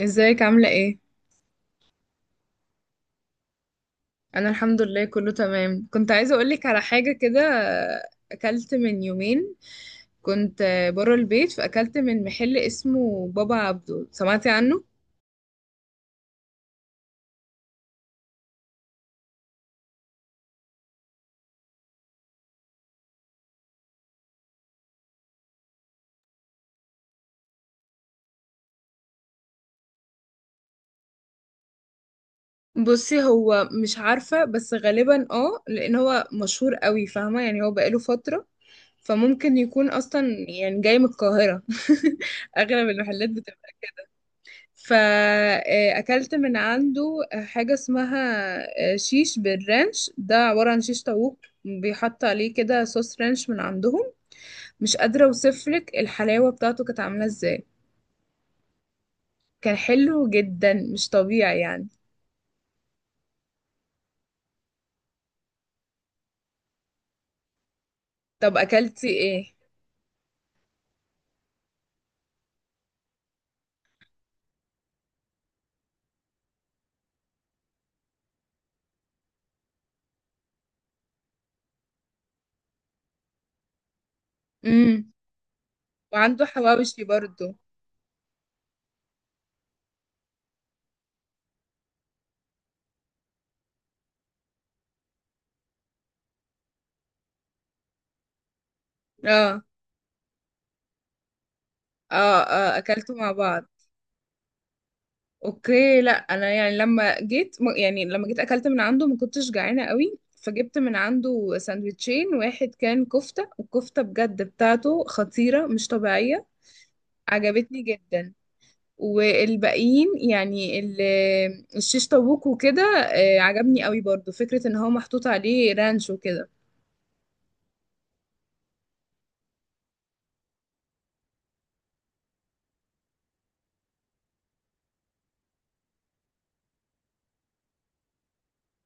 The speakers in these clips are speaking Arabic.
ازيك عاملة ايه؟ انا الحمد لله كله تمام. كنت عايزة اقولك على حاجة كده. اكلت من يومين، كنت بره البيت، فاكلت من محل اسمه بابا عبده. سمعتي عنه؟ بصي، هو مش عارفة، بس غالبا اه، لان هو مشهور قوي، فاهمة يعني، هو بقاله فترة، فممكن يكون اصلا يعني جاي من القاهرة. اغلب المحلات. فأكلت من عنده حاجة اسمها آه، شيش بالرانش. ده عبارة عن شيش طاووق بيحط عليه كده صوص رانش من عندهم. مش قادرة اوصفلك الحلاوة بتاعته كانت عاملة ازاي. كان حلو جدا مش طبيعي يعني. طب أكلتي ايه؟ امم وعنده حواوشي برضو. اه، اه، اه، أكلته مع بعض. اوكي، لا، انا يعني يعني لما جيت اكلت من عنده، ما كنتش جعانه قوي، فجبت من عنده ساندوتشين، واحد كان كفته، والكفته بجد بتاعته خطيره مش طبيعيه. عجبتني جدا. والباقيين يعني الشيش طاووق وكده. آه، عجبني قوي برضو فكره ان هو محطوط عليه رانش وكده.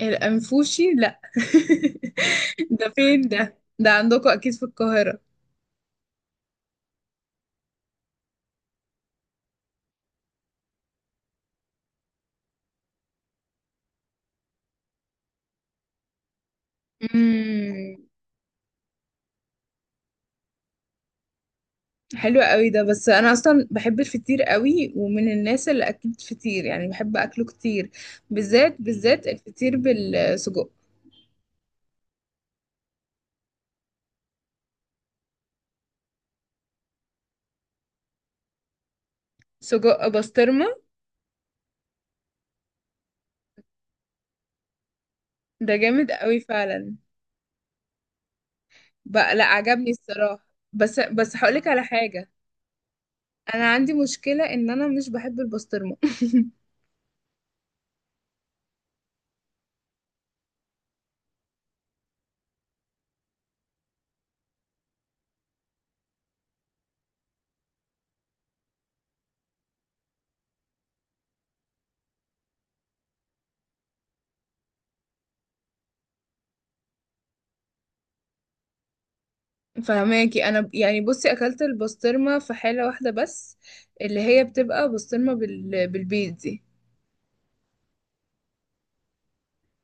الانفوشي؟ لا. ده فين ده عندكم اكيد في القاهره. مم. حلو قوي ده. بس انا اصلا بحب الفطير قوي، ومن الناس اللي اكلت فطير يعني بحب اكله كتير. بالذات، بالذات الفطير بالسجق. سجق بسطرمه. ده جامد قوي فعلا. بقى لا، عجبني الصراحه، بس هقولك على حاجه. انا عندي مشكله ان انا مش بحب البسطرمه. فهماكي، يعني بصي اكلت البسطرمه في حاله واحده بس، اللي هي بتبقى بسطرمه بالبيض دي.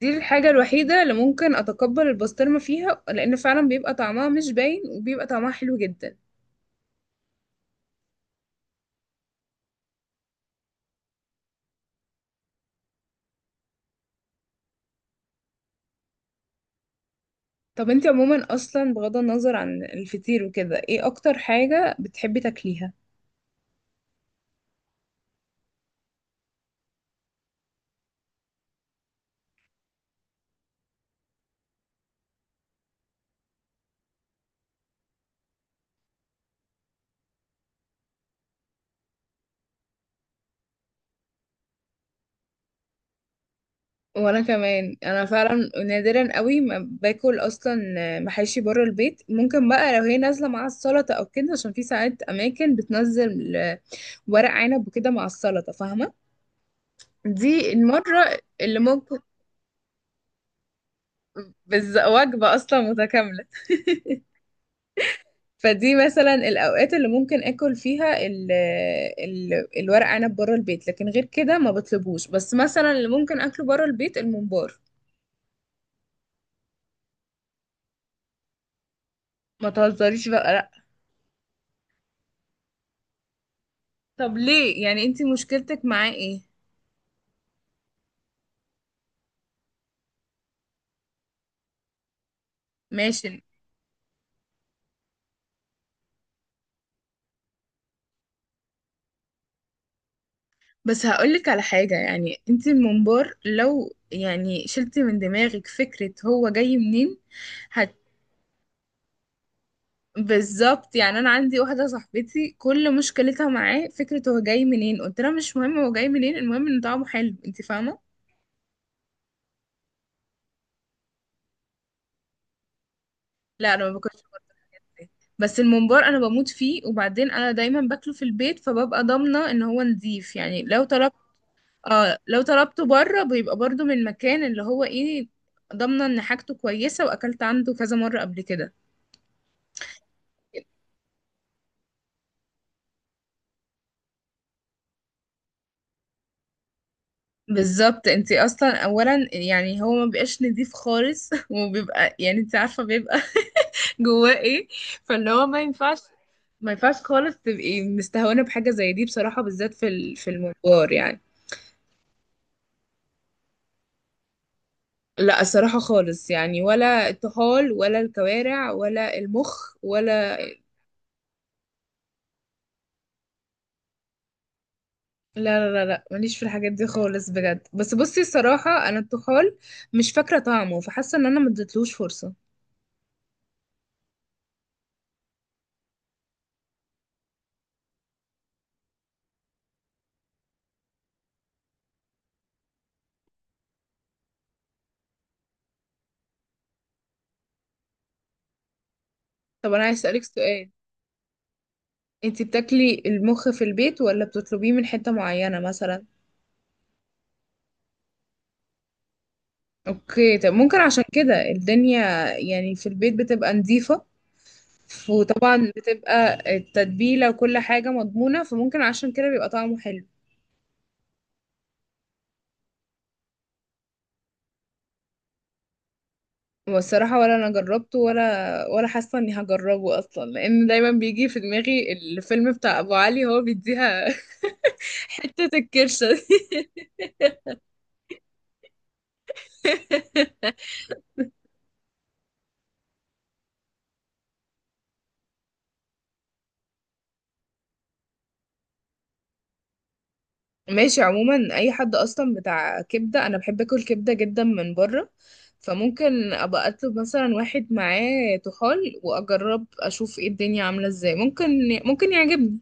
دي الحاجة الوحيدة اللي ممكن أتقبل البسطرمة فيها، لأن فعلا بيبقى طعمها مش باين، وبيبقى طعمها حلو جدا. طب انتي عموما أصلا، بغض النظر عن الفطير وكده، ايه أكتر حاجة بتحبي تاكليها؟ وأنا كمان، أنا فعلا نادرا قوي ما باكل أصلا محاشي بره البيت. ممكن بقى لو هي نازلة مع السلطة أو كده، عشان في ساعات أماكن بتنزل ورق عنب وكده مع السلطة، فاهمة؟ دي المرة اللي ممكن. وجبة أصلا متكاملة. فدي مثلا الاوقات اللي ممكن اكل فيها ال ال الورق عنب بره البيت، لكن غير كده ما بطلبوش. بس مثلا اللي ممكن اكله بره البيت الممبار. ما تهزريش بقى، لا. طب ليه؟ يعني انت مشكلتك معاه ايه؟ ماشي، بس هقولك على حاجة. يعني انت الممبار لو يعني شلتي من دماغك فكرة هو جاي منين. هت بالظبط، يعني انا عندي واحده صاحبتي كل مشكلتها معاه فكره هو جاي منين، قلت لها مش مهم هو جاي منين، المهم ان طعمه حلو، انت فاهمه. لا، انا ما باكلش بره البيت، بس الممبار انا بموت فيه، وبعدين انا دايما باكله في البيت، فببقى ضامنه ان هو نظيف، يعني لو طلبت. اه، لو طلبته بره بيبقى برضو من مكان اللي هو ايه، ضامنه ان حاجته كويسه واكلت عنده كذا مره قبل كده. بالظبط، انت اصلا اولا يعني هو ما بيبقاش نظيف خالص، وبيبقى يعني انت عارفه بيبقى جواه ايه. فاللي هو ما ينفعش خالص تبقي مستهونه بحاجه زي دي بصراحه، بالذات في الممبار يعني. لا الصراحة خالص، يعني ولا الطحال ولا الكوارع ولا المخ ولا. لا، لا، لا، لا، ماليش في الحاجات دي خالص بجد. بس بصي الصراحة، أنا الطحال مش فاكرة طعمه، فحاسة إن أنا مديتلوش فرصة. طب أنا عايز أسألك سؤال. انتي بتاكلي المخ في البيت ولا بتطلبيه من حتة معينة مثلا؟ اوكي، طب ممكن عشان كده الدنيا، يعني في البيت بتبقى نظيفة، وطبعا بتبقى التتبيلة وكل حاجة مضمونة، فممكن عشان كده بيبقى طعمه حلو. والصراحة، ولا أنا جربته، ولا حاسة إني هجربه أصلا، لأن دايما بيجي في دماغي الفيلم بتاع أبو علي هو بيديها حتة الكرشة دي. ماشي. عموما أي حد أصلا بتاع كبدة، أنا بحب أكل كبدة جدا من بره. فممكن أبقى أطلب مثلا واحد معاه طحال، وأجرب أشوف إيه الدنيا عاملة إزاي، ممكن يعجبني.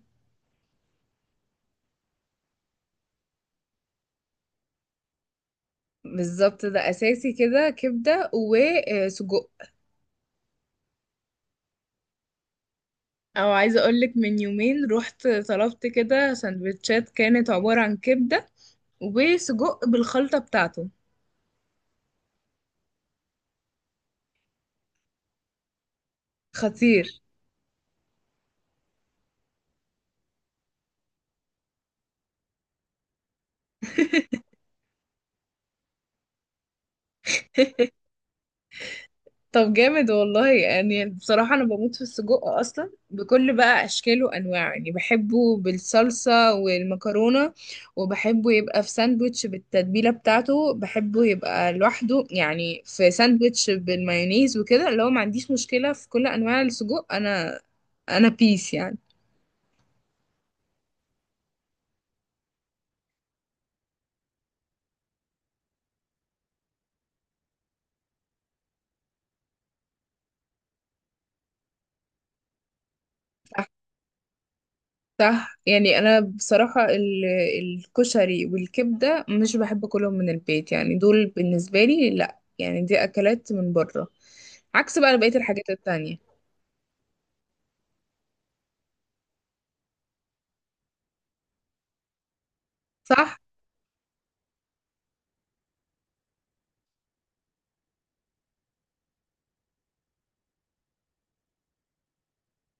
بالظبط، ده أساسي كده، كبدة وسجق. او عايزه اقولك، من يومين رحت طلبت كده سندوتشات كانت عباره عن كبده وسجق بالخلطه بتاعته. خطير. طب جامد والله. يعني بصراحه انا بموت في السجق اصلا بكل بقى اشكاله وانواعه، يعني بحبه بالصلصه والمكرونه، وبحبه يبقى في ساندوتش بالتتبيله بتاعته، بحبه يبقى لوحده يعني في ساندوتش بالمايونيز وكده. اللي هو ما عنديش مشكله في كل انواع السجق انا بيس يعني. صح. يعني انا بصراحه الكشري والكبده مش بحب اكلهم من البيت، يعني دول بالنسبه لي لا، يعني دي اكلات من بره، عكس بقى بقيه الحاجات التانية. صح،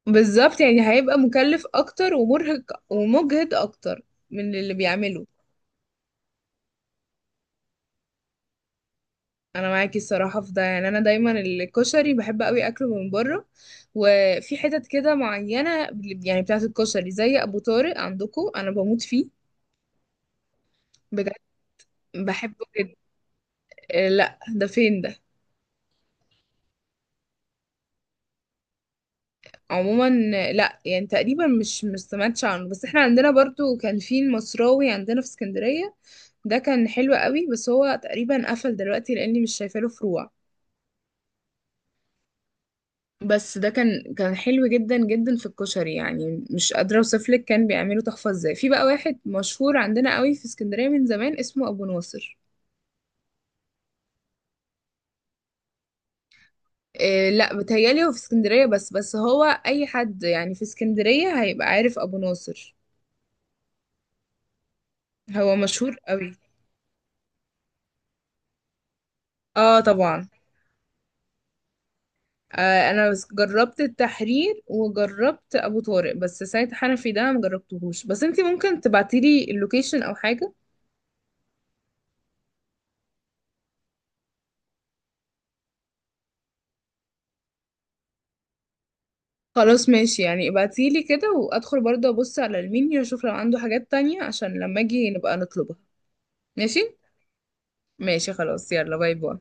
بالظبط، يعني هيبقى مكلف اكتر ومرهق ومجهد اكتر من اللي بيعمله. انا معاكي الصراحه في ده. يعني انا دايما الكشري بحب قوي اكله من بره، وفي حتت كده معينه، يعني بتاعه الكشري زي ابو طارق عندكم انا بموت فيه بجد، بحبه جدا. آه، لا، ده فين ده؟ عموما آه، لا، يعني تقريبا مش سمعتش عنه، بس احنا عندنا برضو كان في المصراوي عندنا في اسكندرية. ده كان حلو قوي، بس هو تقريبا قفل دلوقتي، لاني مش شايفه له فروع. بس ده كان حلو جدا جدا في الكشري، يعني مش قادره اوصف لك كان بيعملوا تحفه ازاي. في بقى واحد مشهور عندنا قوي في اسكندريه من زمان اسمه ابو ناصر. إيه، لا، بتهيالي هو في اسكندريه بس هو اي حد يعني في اسكندريه هيبقى عارف ابو ناصر، هو مشهور قوي. اه، طبعا. آه، انا بس جربت التحرير وجربت ابو طارق، بس سيد حنفي ده مجربتهوش، بس انتي ممكن تبعتيلي اللوكيشن او حاجه. خلاص ماشي، يعني ابعتيلي كده وادخل برضه ابص على المنيو اشوف لو عنده حاجات تانية، عشان لما اجي نبقى نطلبها. ماشي، ماشي، خلاص، يلا باي باي.